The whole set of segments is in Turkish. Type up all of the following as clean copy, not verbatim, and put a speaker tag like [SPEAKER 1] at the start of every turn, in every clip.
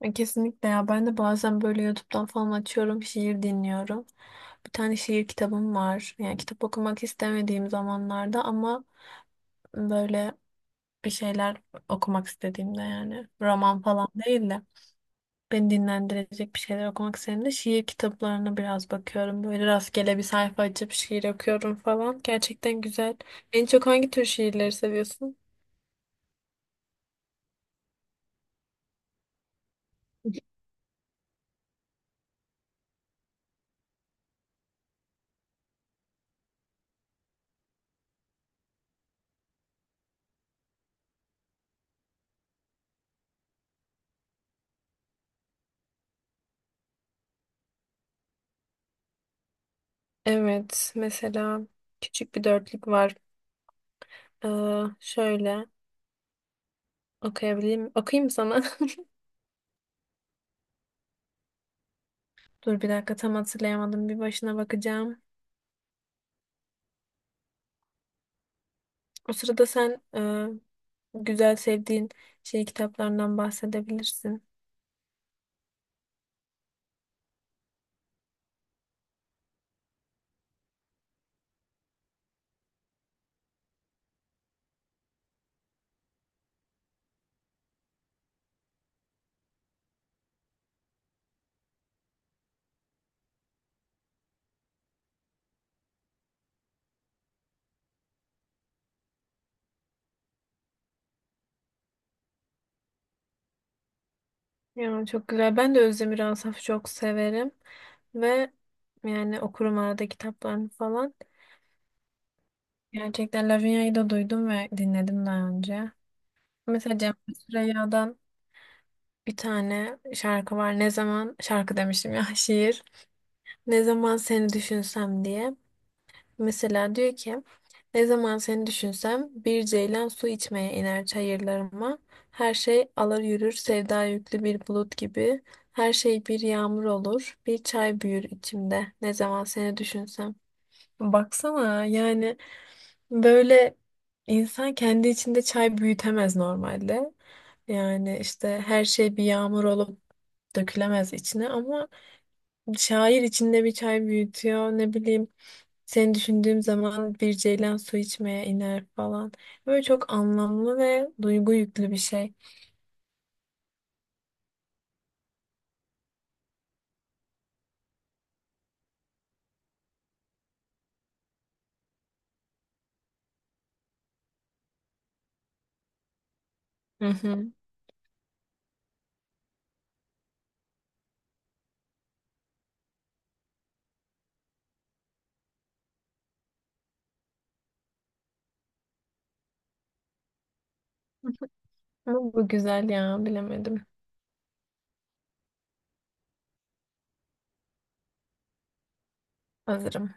[SPEAKER 1] Kesinlikle ya ben de bazen böyle YouTube'dan falan açıyorum şiir dinliyorum. Bir tane şiir kitabım var. Yani kitap okumak istemediğim zamanlarda ama böyle bir şeyler okumak istediğimde yani roman falan değil de beni dinlendirecek bir şeyler okumak istediğimde şiir kitaplarına biraz bakıyorum. Böyle rastgele bir sayfa açıp şiir okuyorum falan. Gerçekten güzel. En çok hangi tür şiirleri seviyorsun? Evet, mesela küçük bir dörtlük var. Ee, Şöyle. Okuyabilirim. Okuyayım mı sana? Dur bir dakika tam hatırlayamadım. Bir başına bakacağım. O sırada sen güzel sevdiğin şey kitaplarından bahsedebilirsin. Ya çok güzel. Ben de Özdemir Asaf'ı çok severim. Ve yani okurum arada kitaplarını falan. Gerçekten Lavinia'yı da duydum ve dinledim daha önce. Mesela Cem Süreyya'dan bir tane şarkı var. Ne zaman şarkı demiştim ya şiir. Ne zaman seni düşünsem diye. Mesela diyor ki ne zaman seni düşünsem bir ceylan su içmeye iner çayırlarıma. Her şey alır yürür sevda yüklü bir bulut gibi. Her şey bir yağmur olur bir çay büyür içimde ne zaman seni düşünsem. Baksana yani böyle insan kendi içinde çay büyütemez normalde. Yani işte her şey bir yağmur olup dökülemez içine ama şair içinde bir çay büyütüyor. Ne bileyim seni düşündüğüm zaman bir ceylan su içmeye iner falan. Böyle çok anlamlı ve duygu yüklü bir şey. Hı hı. Ama bu güzel ya bilemedim. Hazırım.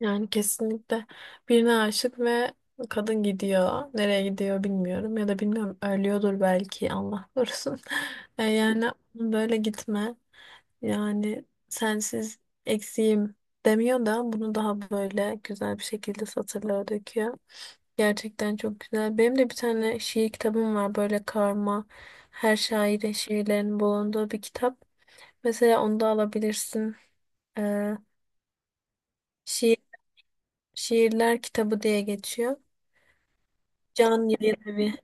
[SPEAKER 1] Yani kesinlikle birine aşık ve kadın gidiyor. Nereye gidiyor bilmiyorum ya da bilmiyorum ölüyordur belki Allah korusun. Yani böyle gitme. Yani sensiz eksiğim demiyor da bunu daha böyle güzel bir şekilde satırlara döküyor. Gerçekten çok güzel. Benim de bir tane şiir kitabım var böyle karma her şairin şiirlerinin bulunduğu bir kitap. Mesela onu da alabilirsin. Ee, Şiir, şiirler kitabı diye geçiyor. Can yayın evi.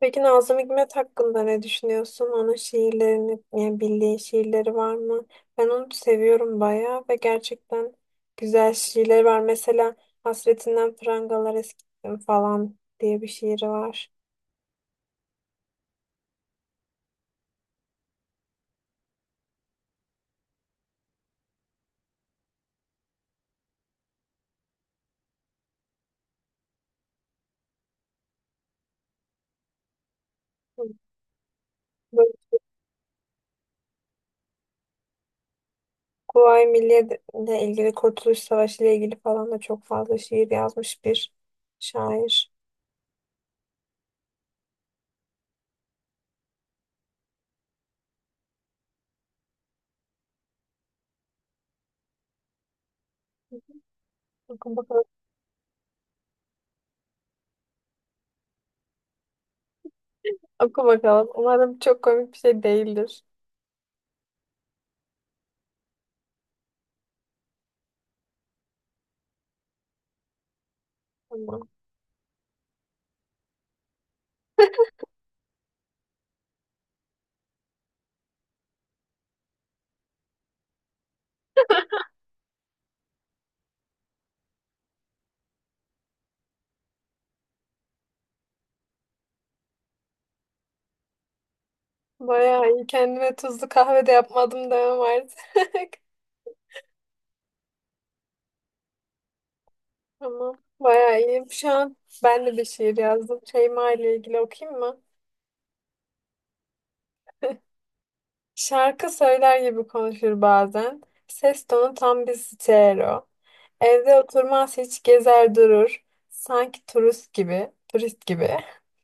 [SPEAKER 1] Peki Nazım Hikmet hakkında ne düşünüyorsun? Onun şiirlerini, yani bildiğin şiirleri var mı? Ben onu seviyorum bayağı ve gerçekten güzel şiirleri var. Mesela Hasretinden Prangalar Eskittim falan diye bir şiiri var. Böyle Kuvayi Milliye ile ilgili, Kurtuluş Savaşı ile ilgili falan da çok fazla şiir yazmış bir şair. Oku bakalım. Oku bakalım. Umarım çok komik bir şey değildir. Tamam. Bayağı iyi. Kendime tuzlu kahve de yapmadım demem artık. Tamam. Bayağı iyi. Şu an ben de bir şiir yazdım. Şeyma ile ilgili okuyayım mı? Şarkı söyler gibi konuşur bazen. Ses tonu tam bir stereo. Evde oturmaz hiç gezer durur. Sanki turist gibi. Turist gibi.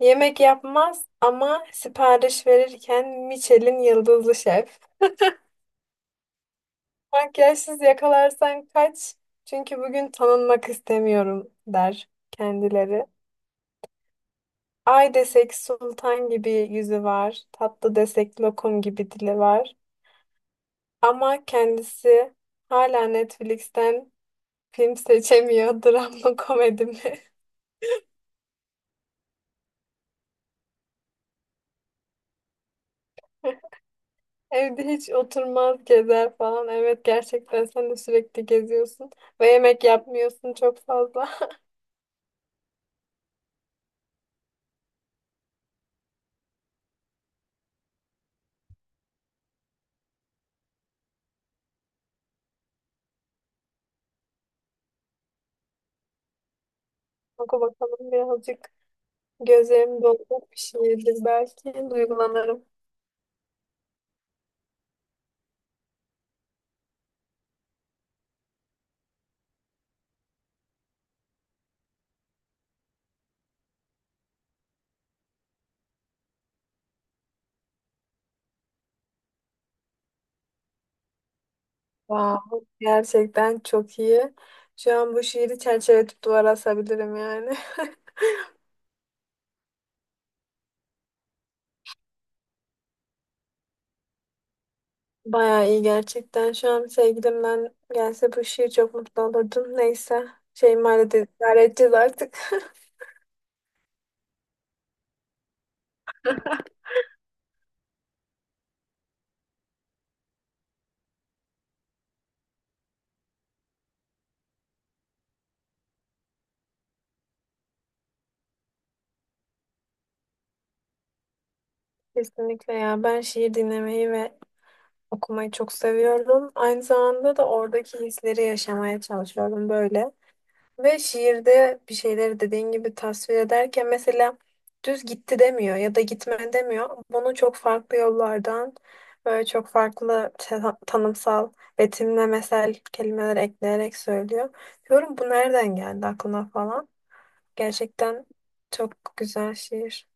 [SPEAKER 1] Yemek yapmaz ama sipariş verirken Michelin yıldızlı şef. Makyajsız yakalarsan kaç. Çünkü bugün tanınmak istemiyorum der kendileri. Ay desek sultan gibi yüzü var. Tatlı desek lokum gibi dili var. Ama kendisi hala Netflix'ten film seçemiyor. Dram mı komedi mi? Evde hiç oturmaz gezer falan. Evet gerçekten sen de sürekli geziyorsun. Ve yemek yapmıyorsun çok fazla. Oku bakalım birazcık gözlerim dolacak bir şeydir belki. Duygulanırım. Wow, gerçekten çok iyi. Şu an bu şiiri çerçeveletip duvara asabilirim yani. Bayağı iyi gerçekten. Şu an sevgilimden gelse bu şiir çok mutlu olurdum. Neyse. Şeyma ile de idare edeceğiz artık. Kesinlikle ya. Ben şiir dinlemeyi ve okumayı çok seviyorum. Aynı zamanda da oradaki hisleri yaşamaya çalışıyorum böyle. Ve şiirde bir şeyleri dediğin gibi tasvir ederken mesela düz gitti demiyor ya da gitme demiyor. Bunu çok farklı yollardan böyle çok farklı tanımsal, betimlemesel kelimeler ekleyerek söylüyor. Diyorum bu nereden geldi aklına falan. Gerçekten çok güzel şiir.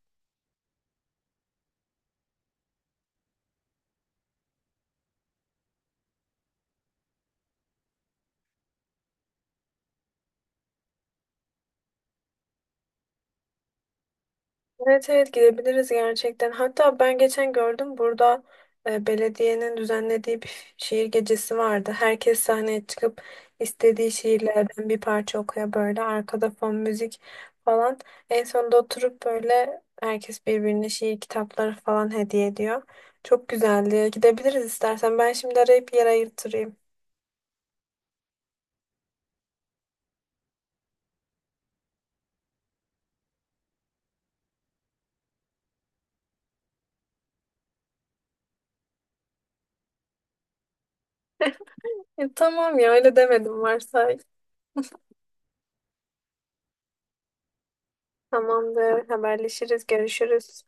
[SPEAKER 1] Evet evet gidebiliriz gerçekten. Hatta ben geçen gördüm burada belediyenin düzenlediği bir şiir gecesi vardı. Herkes sahneye çıkıp istediği şiirlerden bir parça okuyor böyle arkada fon müzik falan. En sonunda oturup böyle herkes birbirine şiir kitapları falan hediye ediyor. Çok güzeldi. Gidebiliriz istersen. Ben şimdi arayıp yer ayırtırayım. Tamam ya öyle demedim varsa. Tamamdır. Haberleşiriz, görüşürüz.